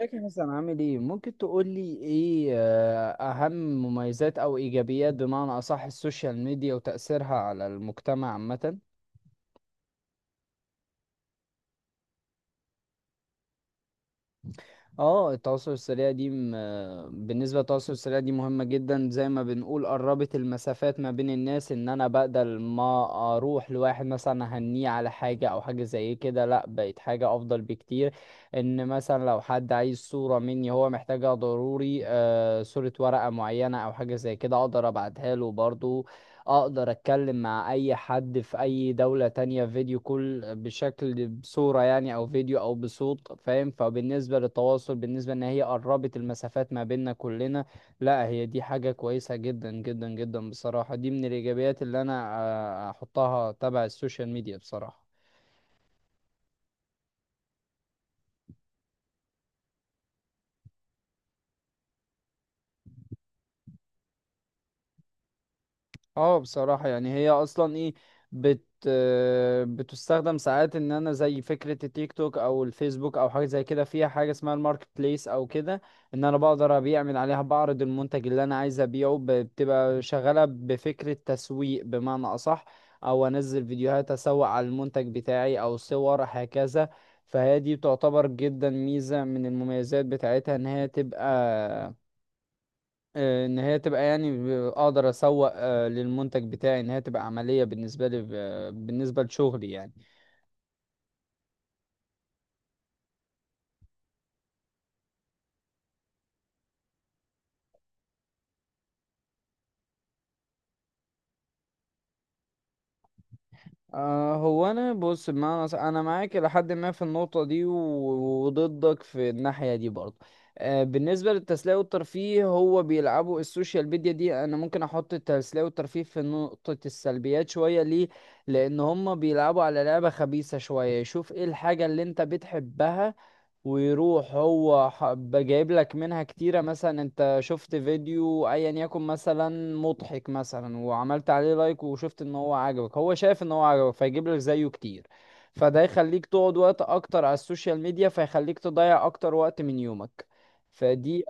ازيك يا حسن؟ عامل ايه؟ ممكن تقول لي ايه اهم مميزات او ايجابيات بمعنى اصح السوشيال ميديا وتأثيرها على المجتمع عامة؟ اه، التواصل السريع دي بالنسبة للتواصل السريع دي مهمة جدا، زي ما بنقول قربت المسافات ما بين الناس، ان انا بدل ما اروح لواحد مثلا اهنيه على حاجة او حاجة زي كده، لا، بقت حاجة افضل بكتير. ان مثلا لو حد عايز صورة مني هو محتاجها ضروري، آه، صورة ورقة معينة او حاجة زي كده، اقدر ابعتها له برضو. اقدر اتكلم مع اي حد في اي دولة تانية فيديو، كل بشكل بصورة يعني او فيديو او بصوت، فاهم؟ فبالنسبة للتواصل، بالنسبة ان هي قربت المسافات ما بيننا كلنا، لا هي دي حاجة كويسة جدا جدا جدا بصراحة، دي من الايجابيات اللي انا احطها تبع السوشيال ميديا بصراحة. اه بصراحة، يعني هي اصلا ايه، بت آه، بتستخدم ساعات. ان انا زي فكرة التيك توك او الفيسبوك او حاجة زي كده، فيها حاجة اسمها الماركت بليس او كده، ان انا بقدر ابيع من عليها، بعرض المنتج اللي انا عايز ابيعه. بتبقى شغالة بفكرة تسويق بمعنى اصح، او انزل فيديوهات اسوق على المنتج بتاعي او صور هكذا. فهي دي تعتبر جدا ميزة من المميزات بتاعتها، ان هي تبقى، ان هي تبقى يعني اقدر اسوق للمنتج بتاعي، ان هي تبقى عملية بالنسبة لي، بالنسبة لشغلي يعني. هو انا بص بمعنى انا معاك لحد ما في النقطة دي، وضدك في الناحية دي برضه. بالنسبة للتسلية والترفيه، هو بيلعبوا السوشيال ميديا دي، انا ممكن احط التسلية والترفيه في نقطة السلبيات شوية. ليه؟ لان هم بيلعبوا على لعبة خبيثة شوية، يشوف ايه الحاجة اللي انت بتحبها ويروح هو حب جايب لك منها كتيرة. مثلا انت شفت فيديو ايا يكن مثلا مضحك مثلا، وعملت عليه لايك، وشفت ان هو عجبك، هو شايف ان هو عجبك فيجيب لك زيه كتير. فده يخليك تقعد وقت اكتر على السوشيال ميديا، فيخليك تضيع اكتر وقت من يومك. فدي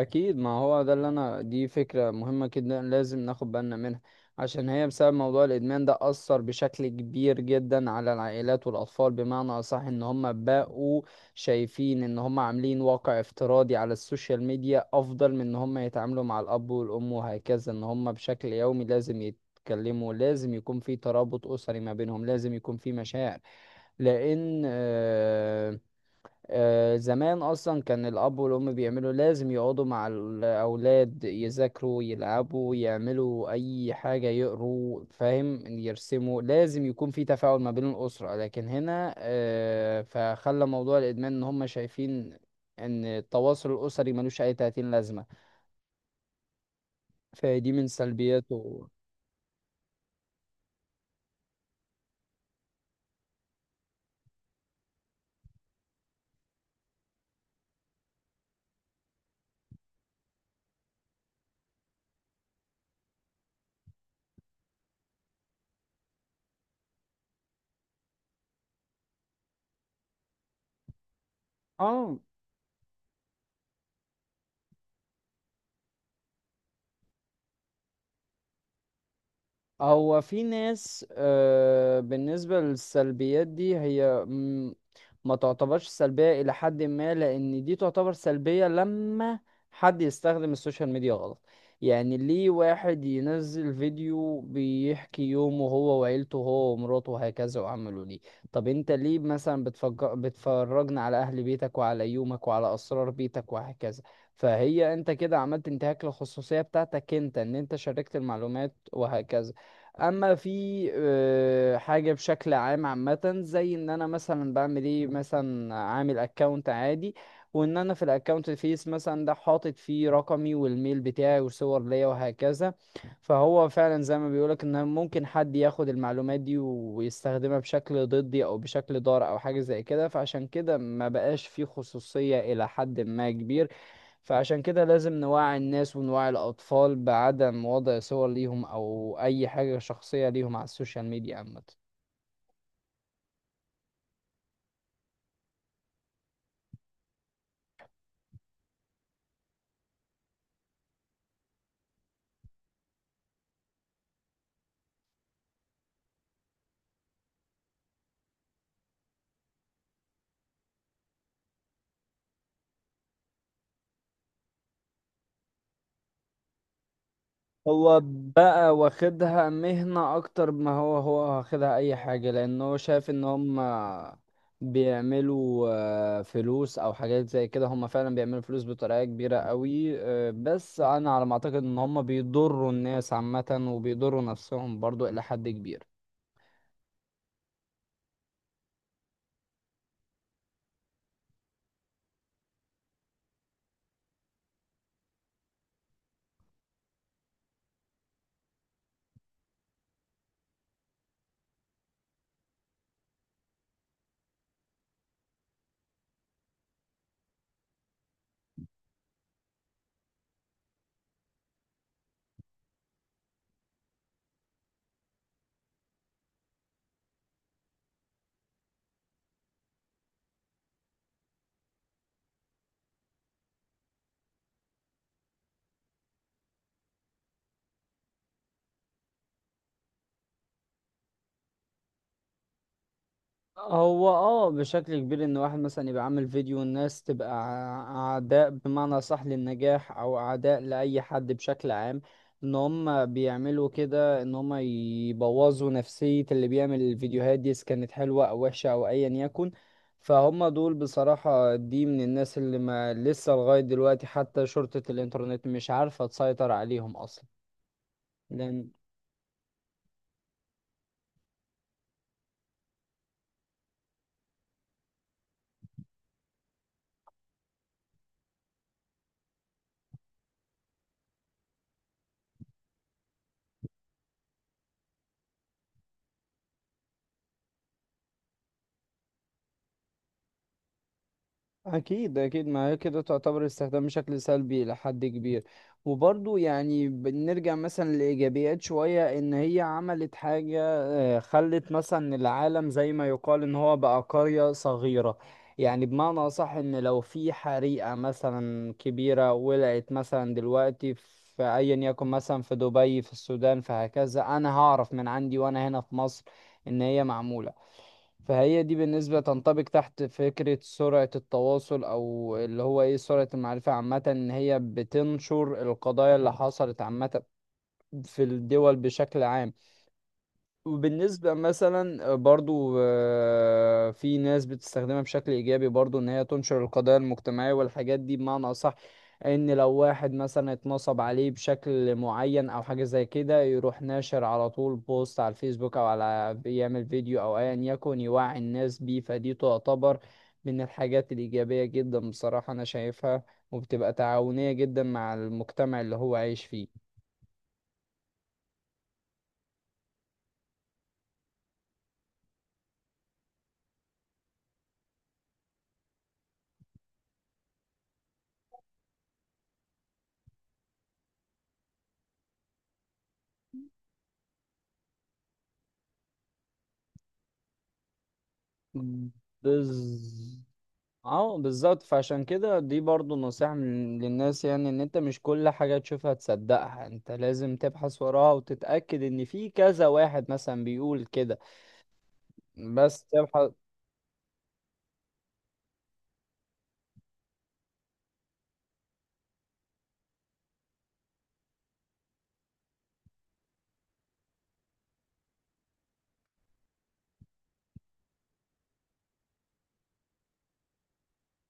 اكيد، ما هو ده اللي انا، دي فكره مهمه جدا لازم ناخد بالنا منها، عشان هي بسبب موضوع الادمان ده اثر بشكل كبير جدا على العائلات والاطفال. بمعنى اصح، ان هم بقوا شايفين ان هم عاملين واقع افتراضي على السوشيال ميديا افضل من ان هم يتعاملوا مع الاب والام وهكذا. ان هم بشكل يومي لازم يتكلموا، لازم يكون في ترابط أسري ما بينهم، لازم يكون في مشاعر، لأن زمان اصلا كان الاب والام بيعملوا، لازم يقعدوا مع الاولاد يذاكروا يلعبوا يعملوا اي حاجه يقروا، فاهم؟ يرسموا، لازم يكون في تفاعل ما بين الاسره. لكن هنا فخلى موضوع الادمان ان هم شايفين ان التواصل الاسري ملوش اي تأتين لازمه. فدي من سلبياته. اه، هو في ناس بالنسبة للسلبيات دي، هي ما تعتبرش سلبية إلى حد ما، لأن دي تعتبر سلبية لما حد يستخدم السوشيال ميديا غلط. يعني ليه واحد ينزل فيديو بيحكي يومه هو وعيلته هو ومراته وهكذا؟ وعمله ليه؟ طب انت ليه مثلا بتفجر بتفرجنا على أهل بيتك وعلى يومك وعلى أسرار بيتك وهكذا؟ فهي انت كده عملت انتهاك للخصوصية بتاعتك انت، ان انت شاركت المعلومات وهكذا. اما في حاجه بشكل عام عامه، زي ان انا مثلا بعمل ايه مثلا، عامل اكونت عادي، وان انا في الاكونت الفيس مثلا ده حاطط فيه رقمي والميل بتاعي وصور ليا وهكذا، فهو فعلا زي ما بيقولك ان ممكن حد ياخد المعلومات دي ويستخدمها بشكل ضدي او بشكل ضار او حاجه زي كده. فعشان كده ما بقاش فيه خصوصيه الى حد ما كبير. فعشان كده لازم نوعي الناس ونوعي الأطفال بعدم وضع صور ليهم أو أي حاجة شخصية ليهم على السوشيال ميديا عامة. هو بقى واخدها مهنة أكتر ما هو، هو واخدها أي حاجة، لأن هو شايف إن هم بيعملوا فلوس أو حاجات زي كده. هم فعلا بيعملوا فلوس بطريقة كبيرة قوي، بس أنا على ما أعتقد إن هم بيضروا الناس عامة وبيضروا نفسهم برضو إلى حد كبير. هو اه بشكل كبير، ان واحد مثلا يبقى عامل فيديو والناس تبقى اعداء بمعنى صح للنجاح او اعداء لاي حد بشكل عام. ان هم بيعملوا كده ان هم يبوظوا نفسية اللي بيعمل الفيديوهات دي، اذا كانت حلوة او وحشة او ايا يكن. فهم دول بصراحة دي من الناس اللي ما لسه لغاية دلوقتي حتى شرطة الانترنت مش عارفة تسيطر عليهم اصلا. لان أكيد أكيد، ما هي كده تعتبر استخدام بشكل سلبي لحد كبير. وبرضو يعني بنرجع مثلا لإيجابيات شوية، إن هي عملت حاجة خلت مثلا العالم زي ما يقال إن هو بقى قرية صغيرة. يعني بمعنى أصح، إن لو في حريقة مثلا كبيرة ولعت مثلا دلوقتي في أيا يكن مثلا، في دبي، في السودان، فهكذا أنا هعرف من عندي وأنا هنا في مصر إن هي معمولة. فهي دي بالنسبة تنطبق تحت فكرة سرعة التواصل، أو اللي هو إيه، سرعة المعرفة عامة، إن هي بتنشر القضايا اللي حصلت عامة في الدول بشكل عام. وبالنسبة مثلا برضو في ناس بتستخدمها بشكل إيجابي برضو، إن هي تنشر القضايا المجتمعية والحاجات دي بمعنى أصح. إن لو واحد مثلا اتنصب عليه بشكل معين أو حاجة زي كده، يروح ناشر على طول بوست على الفيسبوك أو على يعمل فيديو أو أيا يكن، يوعي الناس بيه. فدي تعتبر من الحاجات الإيجابية جدا بصراحة أنا شايفها، وبتبقى تعاونية جدا مع المجتمع اللي هو عايش فيه. بالظبط. اه بالظبط، فعشان كده دي برضو نصيحة للناس، يعني ان انت مش كل حاجة تشوفها تصدقها، انت لازم تبحث وراها وتتأكد ان في كذا واحد مثلا بيقول كده، بس تبحث.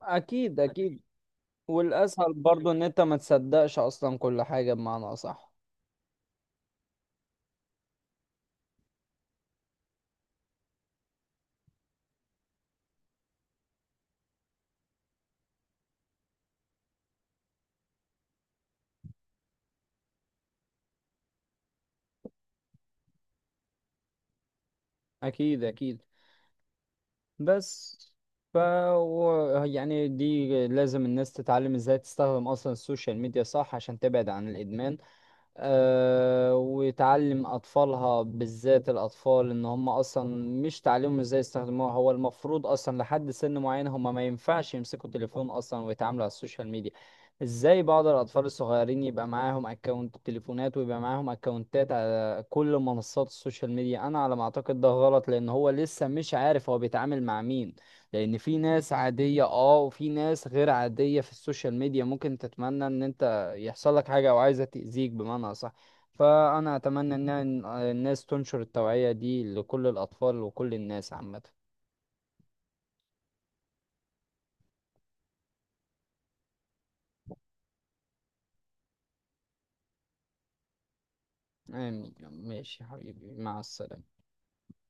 اكيد اكيد. والاسهل برضو ان انت ما تصدقش اصلا كل حاجة بمعنى اصح. اكيد اكيد. بس، ف، يعني دي لازم الناس تتعلم ازاي تستخدم اصلا السوشيال ميديا صح عشان تبعد عن الادمان، وتعلم أطفالها، بالذات الأطفال، إن هم أصلا، مش تعلمهم إزاي يستخدموها، هو المفروض أصلا لحد سن معين هم ما ينفعش يمسكوا تليفون أصلا ويتعاملوا على السوشيال ميديا. إزاي بعض الأطفال الصغيرين يبقى معاهم أكونت تليفونات ويبقى معاهم أكونتات على كل منصات السوشيال ميديا؟ أنا على ما أعتقد ده غلط، لأن هو لسه مش عارف هو بيتعامل مع مين. لأن في ناس عادية أه وفي ناس غير عادية في السوشيال ميديا، ممكن تتمنى إن أنت يحصل لك حاجة أو عايزة تأذيك بمعنى أصح. فأنا أتمنى إن الناس تنشر التوعية دي لكل الأطفال وكل الناس عامة. آمين. ماشي يا حبيبي، مع السلامة.